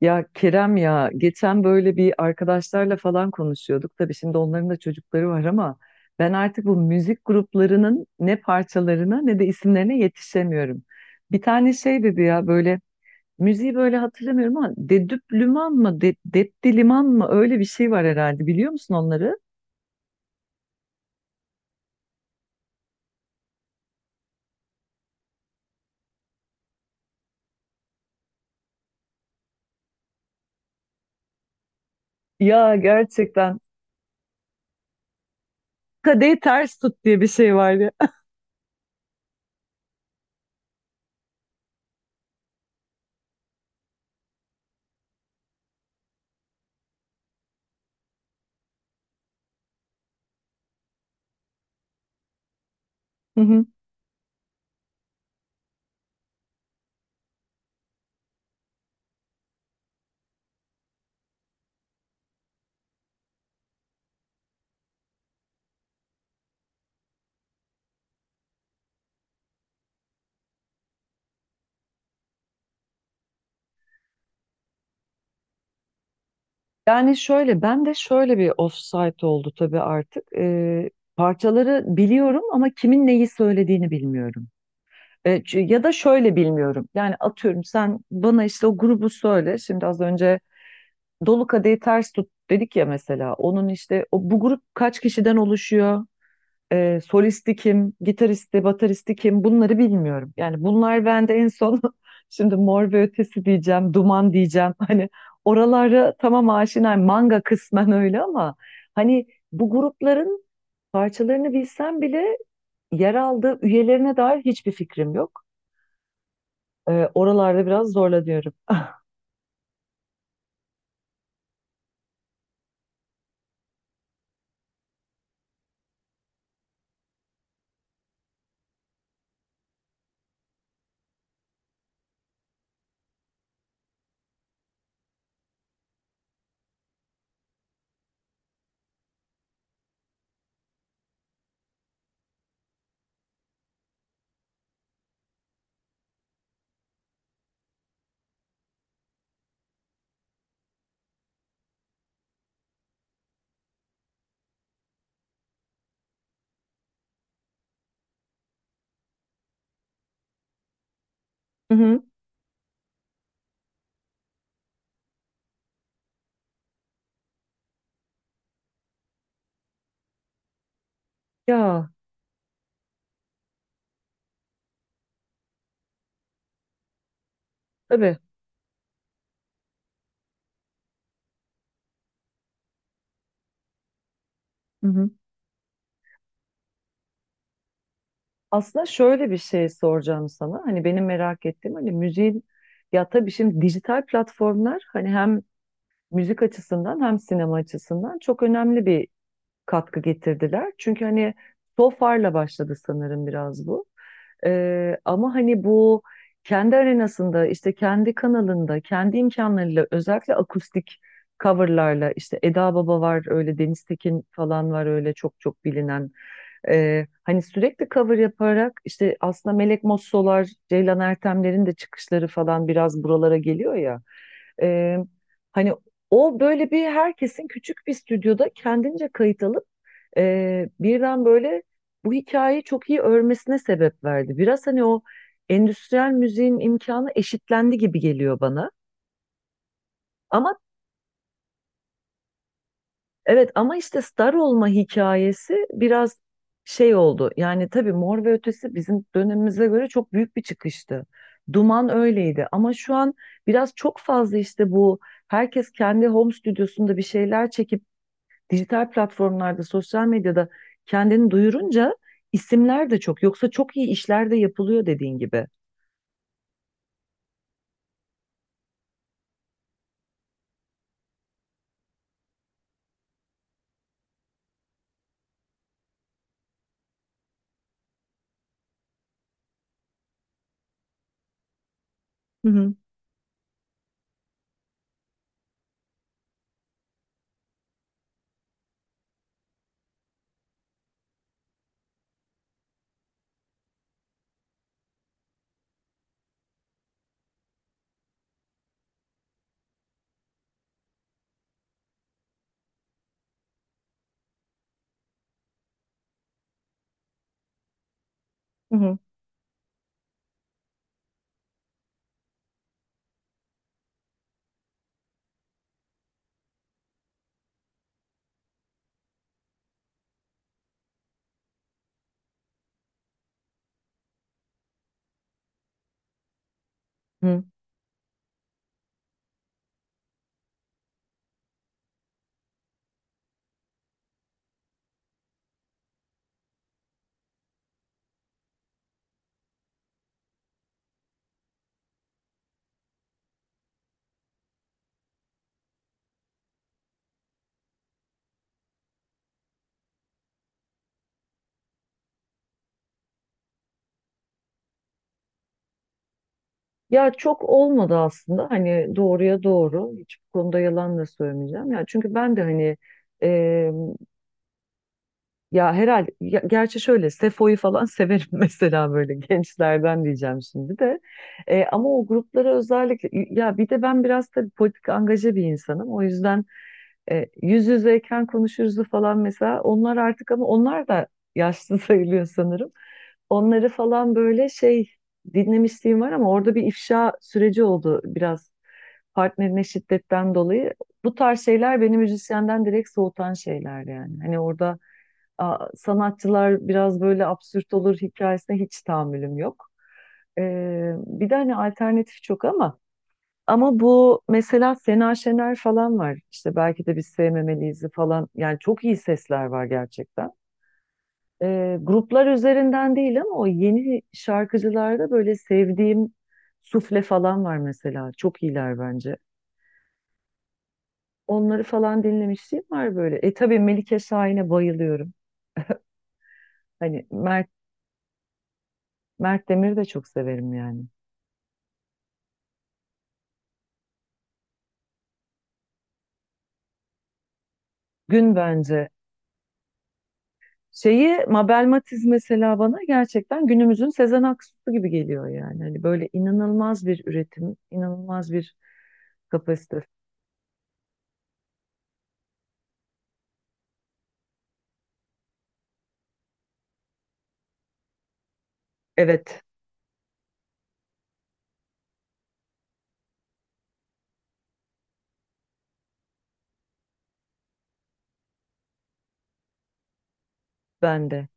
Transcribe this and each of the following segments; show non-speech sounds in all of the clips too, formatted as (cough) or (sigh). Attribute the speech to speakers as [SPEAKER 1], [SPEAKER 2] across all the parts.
[SPEAKER 1] Ya Kerem ya geçen böyle bir arkadaşlarla falan konuşuyorduk. Tabii şimdi onların da çocukları var ama ben artık bu müzik gruplarının ne parçalarına ne de isimlerine yetişemiyorum. Bir tane şey dedi ya böyle müziği böyle hatırlamıyorum ama Dedüp Lüman mı De, Depti Liman mı öyle bir şey var herhalde biliyor musun onları? Ya gerçekten kadehi ters tut diye bir şey var ya. (laughs) Yani şöyle, ben de şöyle bir offside oldu tabii artık. Parçaları biliyorum ama kimin neyi söylediğini bilmiyorum. Ya da şöyle bilmiyorum. Yani atıyorum sen bana işte o grubu söyle. Şimdi az önce Dolu Kadehi Ters Tut dedik ya mesela. Onun işte o, bu grup kaç kişiden oluşuyor? Solisti kim, gitaristi, bataristi kim bunları bilmiyorum. Yani bunlar bende en son (laughs) şimdi Mor ve Ötesi diyeceğim, Duman diyeceğim. (laughs) Hani oralara tamam aşinayım. Manga kısmen öyle ama hani bu grupların parçalarını bilsem bile yer aldığı üyelerine dair hiçbir fikrim yok. Oralarda biraz zorlanıyorum. (laughs) Hı hı. Ya tabii. Hı hı. Aslında şöyle bir şey soracağım sana. Hani benim merak ettiğim hani müziğin ya tabii şimdi dijital platformlar hani hem müzik açısından hem sinema açısından çok önemli bir katkı getirdiler. Çünkü hani SOFA'rla başladı sanırım biraz bu. Ama hani bu kendi arenasında işte kendi kanalında kendi imkanlarıyla özellikle akustik coverlarla işte Eda Baba var öyle Deniz Tekin falan var öyle çok çok bilinen hani sürekli cover yaparak işte aslında Melek Mossolar, Ceylan Ertemler'in de çıkışları falan biraz buralara geliyor ya. Ee, hani o böyle bir herkesin küçük bir stüdyoda kendince kayıt alıp birden böyle bu hikayeyi çok iyi örmesine sebep verdi. Biraz hani o endüstriyel müziğin imkanı eşitlendi gibi geliyor bana. Ama evet, ama işte star olma hikayesi biraz şey oldu. Yani tabii Mor ve Ötesi bizim dönemimize göre çok büyük bir çıkıştı. Duman öyleydi ama şu an biraz çok fazla işte bu herkes kendi home stüdyosunda bir şeyler çekip dijital platformlarda, sosyal medyada kendini duyurunca isimler de çok. Yoksa çok iyi işler de yapılıyor dediğin gibi. Hı hı. Hı hı. Hı. Ya çok olmadı aslında hani doğruya doğru hiç bu konuda yalan da söylemeyeceğim. Ya çünkü ben de hani gerçi şöyle Sefo'yu falan severim (laughs) mesela böyle gençlerden diyeceğim şimdi de. Ama o gruplara özellikle ya bir de ben biraz da politik angaje bir insanım. O yüzden yüz yüzeyken konuşuruzu falan mesela onlar artık ama onlar da yaşlı (laughs) sayılıyor sanırım. Onları falan böyle şey dinlemişliğim var ama orada bir ifşa süreci oldu biraz partnerine şiddetten dolayı. Bu tarz şeyler beni müzisyenden direkt soğutan şeyler yani. Sanatçılar biraz böyle absürt olur hikayesine hiç tahammülüm yok. Bir de hani alternatif çok ama bu mesela Sena Şener falan var. İşte belki de biz sevmemeliyiz'i falan. Yani çok iyi sesler var gerçekten. Gruplar üzerinden değil ama o yeni şarkıcılarda böyle sevdiğim Sufle falan var mesela. Çok iyiler bence. Onları falan dinlemişliğim var böyle. E tabii Melike Şahin'e bayılıyorum. Hani Mert Demir'i de çok severim yani. Gün bence. Şeyi Mabel Matiz mesela bana gerçekten günümüzün Sezen Aksu gibi geliyor yani. Hani böyle inanılmaz bir üretim, inanılmaz bir kapasite. Evet, ben de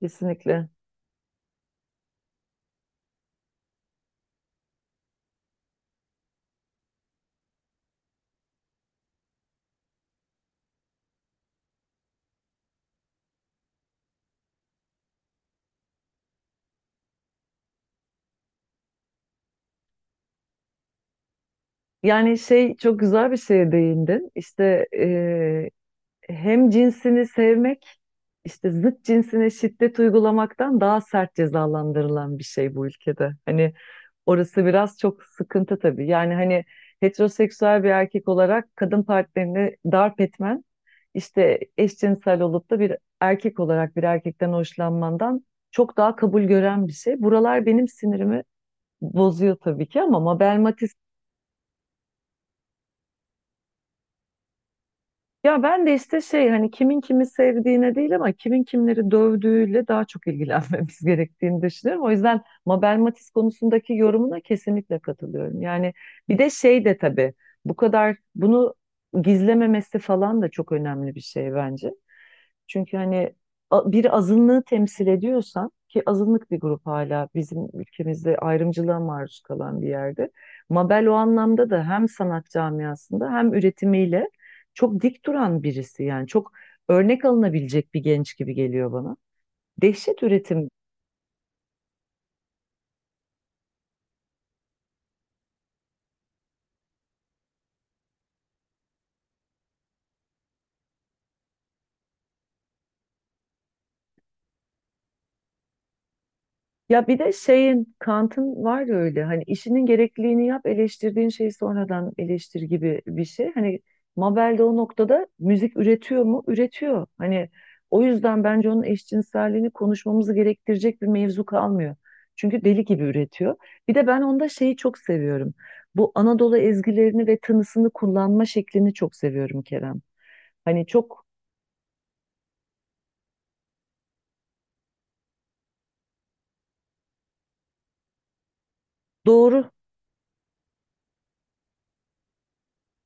[SPEAKER 1] kesinlikle. Yani şey çok güzel bir şeye değindin. İşte hem cinsini sevmek işte zıt cinsine şiddet uygulamaktan daha sert cezalandırılan bir şey bu ülkede. Hani orası biraz çok sıkıntı tabii. Yani hani heteroseksüel bir erkek olarak kadın partnerini darp etmen işte eşcinsel olup da bir erkek olarak bir erkekten hoşlanmandan çok daha kabul gören bir şey. Buralar benim sinirimi bozuyor tabii ki ama Mabel Matiz. Ya ben de işte şey hani kimin kimi sevdiğine değil ama kimin kimleri dövdüğüyle daha çok ilgilenmemiz (laughs) gerektiğini düşünüyorum. O yüzden Mabel Matiz konusundaki yorumuna kesinlikle katılıyorum. Yani bir de şey de tabii bu kadar bunu gizlememesi falan da çok önemli bir şey bence. Çünkü hani bir azınlığı temsil ediyorsan ki azınlık bir grup hala bizim ülkemizde ayrımcılığa maruz kalan bir yerde. Mabel o anlamda da hem sanat camiasında hem üretimiyle çok dik duran birisi yani çok örnek alınabilecek bir genç gibi geliyor bana. Dehşet üretim. Ya bir de şeyin Kant'ın var ya öyle hani işinin gerekliliğini yap eleştirdiğin şeyi sonradan eleştir gibi bir şey. Hani Mabel de o noktada müzik üretiyor mu? Üretiyor. Hani o yüzden bence onun eşcinselliğini konuşmamızı gerektirecek bir mevzu kalmıyor. Çünkü deli gibi üretiyor. Bir de ben onda şeyi çok seviyorum. Bu Anadolu ezgilerini ve tınısını kullanma şeklini çok seviyorum Kerem. Hani çok doğru.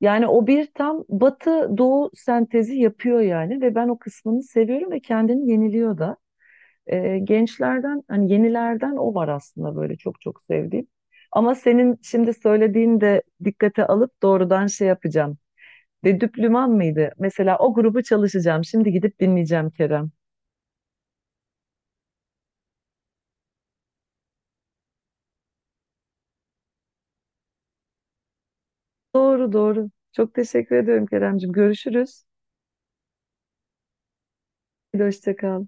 [SPEAKER 1] Yani o bir tam batı doğu sentezi yapıyor yani ve ben o kısmını seviyorum ve kendini yeniliyor da. Gençlerden hani yenilerden o var aslında böyle çok çok sevdiğim. Ama senin şimdi söylediğin de dikkate alıp doğrudan şey yapacağım. Ve Düplüman mıydı? Mesela o grubu çalışacağım. Şimdi gidip dinleyeceğim Kerem. Doğru doğru. Çok teşekkür ediyorum Keremcim. Görüşürüz. Hoşça kal.